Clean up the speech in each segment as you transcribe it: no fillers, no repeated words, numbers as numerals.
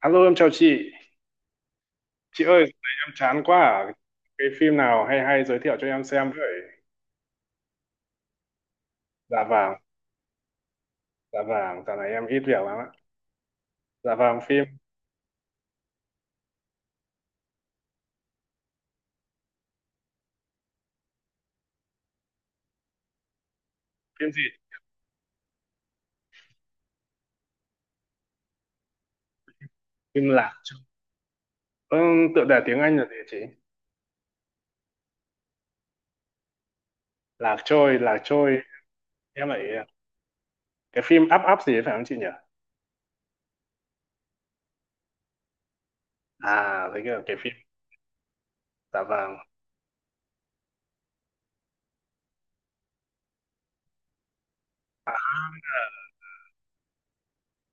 Alo, em chào chị. Chị ơi, em chán quá à. Cái phim nào hay hay giới thiệu cho em xem với. Dạ vàng, dạo này em ít việc lắm ạ. Dạ vàng phim, phim gì? Phim Lạc Trôi. Ừ, tựa đề tiếng Anh là gì chị? Lạc trôi, lạc trôi. Em lại cái phim Up Up gì ấy, phải không chị nhỉ? À, thấy cái phim. Dạ vàng.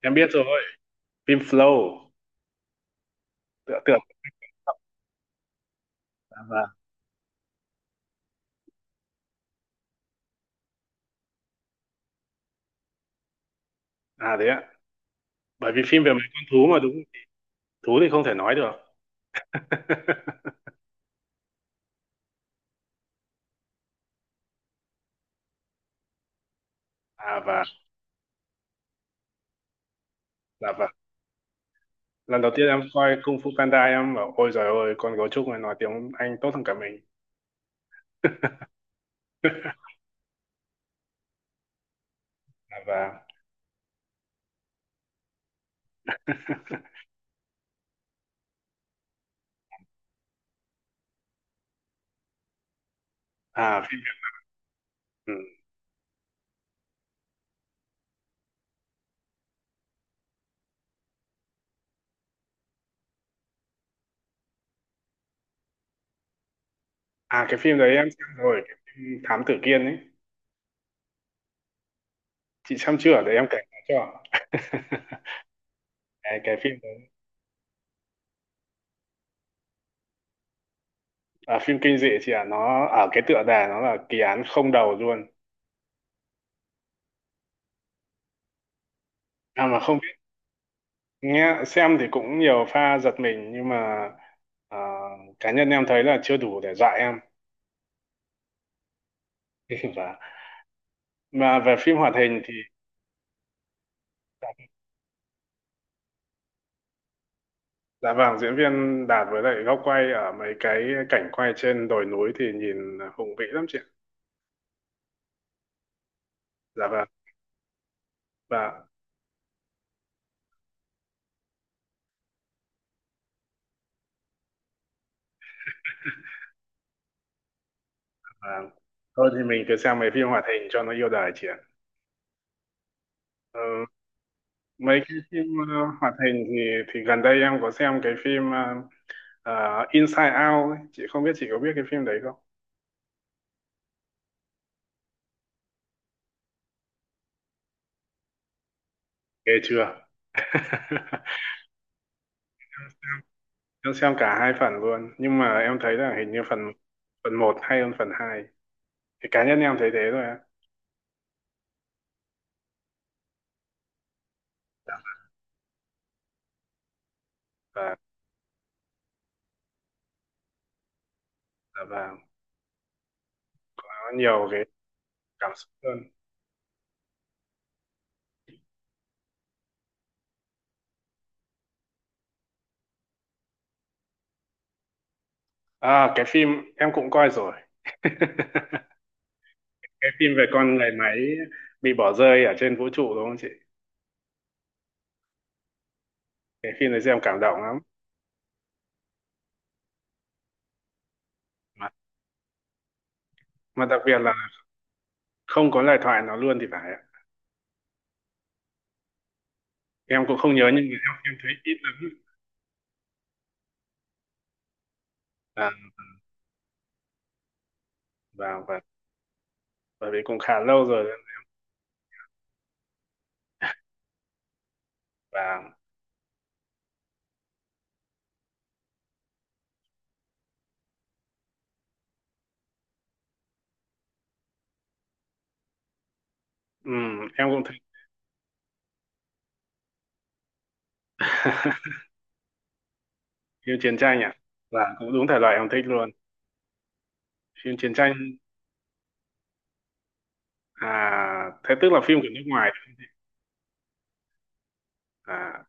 Em biết rồi. Phim Flow, tựa tựa. Dạ vàng. À đấy ạ. Bởi vì phim về mấy con thú mà đúng. Thú thì không thể nói được. À và dạ vàng, lần đầu tiên em coi Kung Fu Panda em bảo ôi giời ơi con gấu trúc này nói tiếng Anh tốt hơn cả mình. Và à phim. Ừ. À cái phim đấy em xem rồi, cái phim Thám Tử Kiên ấy. Chị xem chưa để em kể cho? Cái phim đấy, phim kinh dị chị ạ, nó ở cái tựa đề nó là kỳ án không đầu luôn. À mà không biết, nghe xem thì cũng nhiều pha giật mình nhưng mà à, cá nhân em thấy là chưa đủ để dọa em. Và mà về phim hoạt hình thì. Dạ vâng, diễn viên Đạt với lại góc quay ở mấy cái cảnh quay trên đồi núi thì nhìn hùng vĩ lắm chị ạ. Dạ vâng, và và thôi thì mình cứ sang mấy phim hoạt hình cho nó yêu đời chị ạ. Ờ, Mấy cái phim ờ, hoạt hình thì gần đây em có xem cái phim Inside Out ấy. Chị không biết, chị có biết cái phim đấy không? Ghê chưa? Em xem cả hai phần luôn, nhưng mà em thấy là hình như phần phần một hay hơn phần hai. Thì cá nhân em thấy thế thôi ạ. Dạ vâng, dạ vâng. Có nhiều cái cảm xúc hơn. À cái phim em cũng coi rồi. Cái phim về con người máy bị bỏ rơi ở trên vũ trụ, đúng không chị? Cái phim này xem cảm động lắm. mà, mà đặc biệt là không có lời thoại nó luôn thì phải ạ. Em cũng không nhớ, nhưng mà em thấy ít lắm. À, và bởi vì cũng khá lâu rồi. Và em cũng thích. Phim chiến tranh ạ, là cũng đúng thể loại em thích luôn. Phim chiến tranh, à thế tức là phim của nước ngoài. À,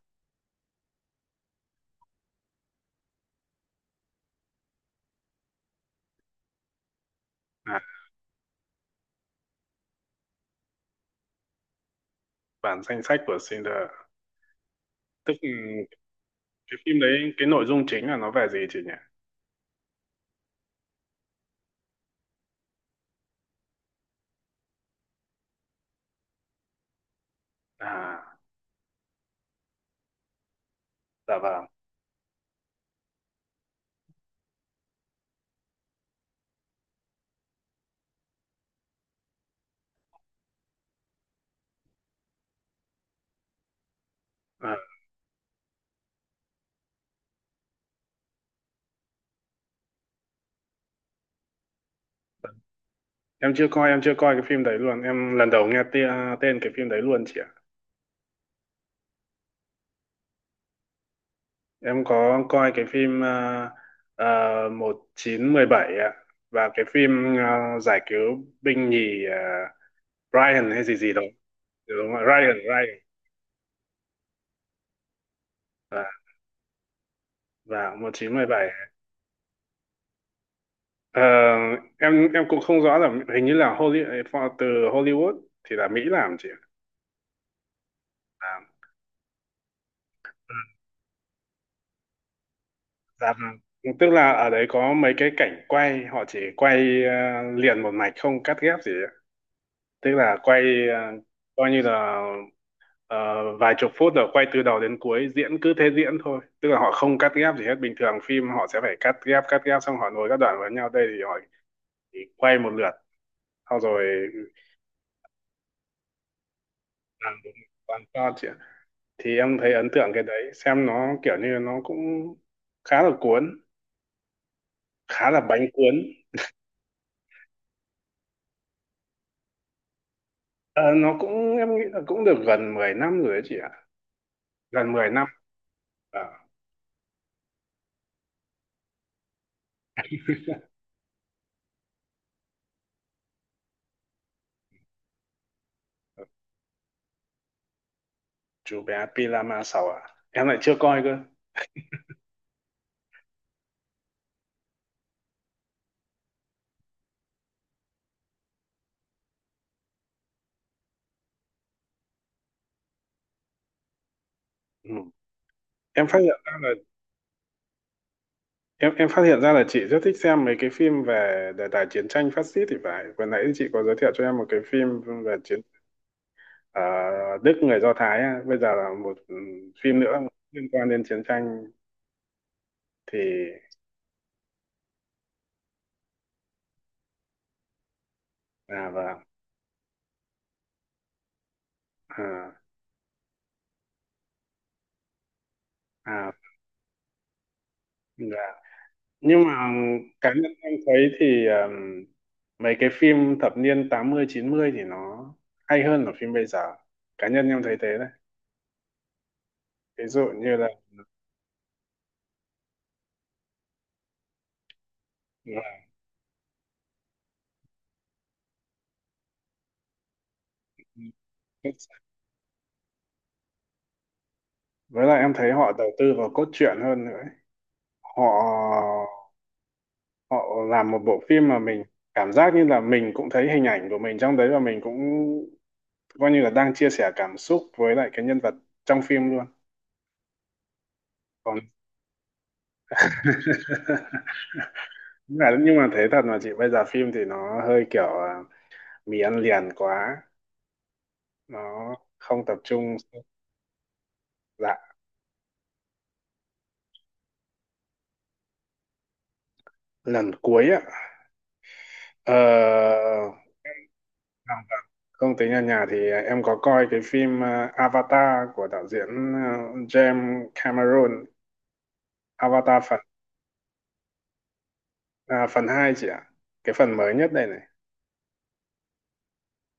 à bản danh sách của Schindler. Tức cái phim đấy, cái nội dung chính là nó về gì chị nhỉ? À, dạ vâng. À, em chưa coi, cái phim đấy luôn, em lần đầu nghe tia, tên cái phim đấy luôn chị ạ. Em có coi cái phim một chín bảy ạ. Và cái phim giải cứu binh nhì Ryan hay gì gì đó. Đúng rồi, Ryan, Ryan. và và 1917. Ờ, em cũng không rõ là hình như là Hollywood, từ Hollywood thì là Mỹ làm chị ạ. Dạ. Dạ vâng. Tức là ở đấy có mấy cái cảnh quay, họ chỉ quay liền một mạch không cắt ghép gì ạ. Tức là quay ờ, coi như là ờ, vài chục phút rồi quay từ đầu đến cuối, diễn cứ thế diễn thôi. Tức là họ không cắt ghép gì hết. Bình thường phim họ sẽ phải cắt ghép xong họ nối các đoạn vào nhau. Đây thì họ chỉ quay một lượt, xong rồi làm đúng toàn shot chị ạ. Thì em thấy ấn tượng cái đấy, xem nó kiểu như nó cũng khá là cuốn, khá là bánh cuốn. Ờ, nó cũng em nghĩ là cũng được gần 10 năm rồi đấy chị ạ. Gần 10 năm. À, chú bé Pilama 6 à? Em lại chưa coi cơ. Ừ. Em phát hiện ra là em phát hiện ra là chị rất thích xem mấy cái phim về đề tài chiến tranh phát xít thì phải. Vừa nãy chị có giới thiệu cho em một cái phim về chiến, ờ, Đức người Do Thái á. Bây giờ là một phim nữa liên quan đến chiến tranh thì. À vâng. À, à, dạ. Nhưng mà cá nhân em thấy thì mấy cái phim thập niên 80 90 thì nó hay hơn là phim bây giờ. Cá nhân em thấy thế đấy. Ví dụ như là- với lại em thấy họ đầu tư vào cốt truyện hơn nữa ấy. Họ họ làm một bộ phim mà mình cảm giác như là mình cũng thấy hình ảnh của mình trong đấy, và mình cũng coi như là đang chia sẻ cảm xúc với lại cái nhân vật trong phim luôn. Còn đúng là- nhưng mà thế thật mà chị, bây giờ phim thì nó hơi kiểu mì ăn liền quá, nó không tập trung. Dạ, lần cuối á ờ, không tính ở nhà thì em có coi cái phim Avatar của đạo diễn James Cameron. Avatar phần à, phần hai chị ạ, cái phần mới nhất đây này.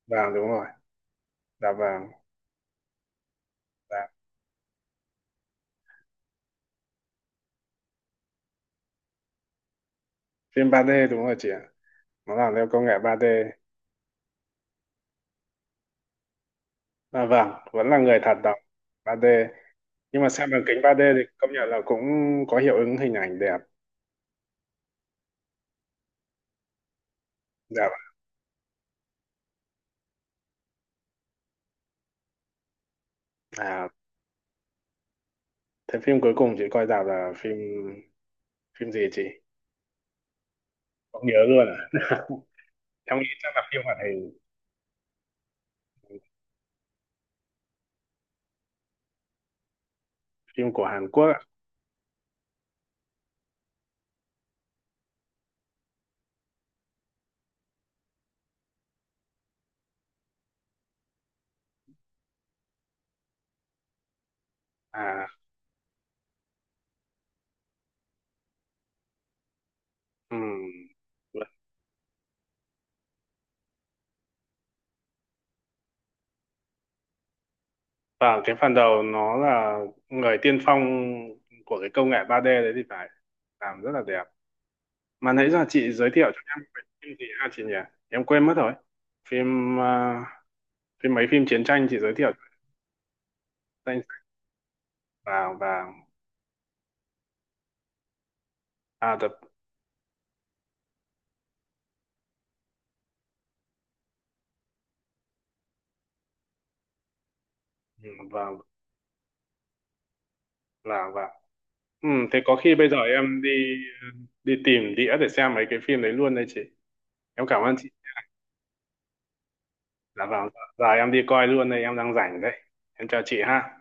Vàng đúng rồi. Dạ vàng. Dạ. Phim 3D đúng rồi chị ạ, nó làm theo công nghệ 3D. À, vâng vẫn là người thật đóng. 3D. Nhưng mà xem bằng kính 3D thì công nhận là cũng có hiệu ứng hình ảnh đẹp. Dạ vâng. À. Thế phim cuối cùng chị coi rạp là phim phim gì chị? Không nhớ luôn à? Em nghĩ chắc là phim hoạt hình, phim của Hàn Quốc ạ. À, ừm. Và cái phần đầu nó là người tiên phong của cái công nghệ 3D đấy thì phải, làm rất là đẹp. Mà nãy giờ chị giới thiệu cho em cái phim gì ha chị nhỉ? Em quên mất rồi. Phim phim phim chiến tranh chị giới thiệu cho. Vào và à, tập ừ, vào và và. Ừ, thế có khi bây giờ em đi đi tìm đĩa để xem mấy cái phim đấy luôn đây chị. Em cảm ơn chị. Dạ vâng. Giờ em đi coi luôn đây, em đang rảnh đấy. Em chào chị ha.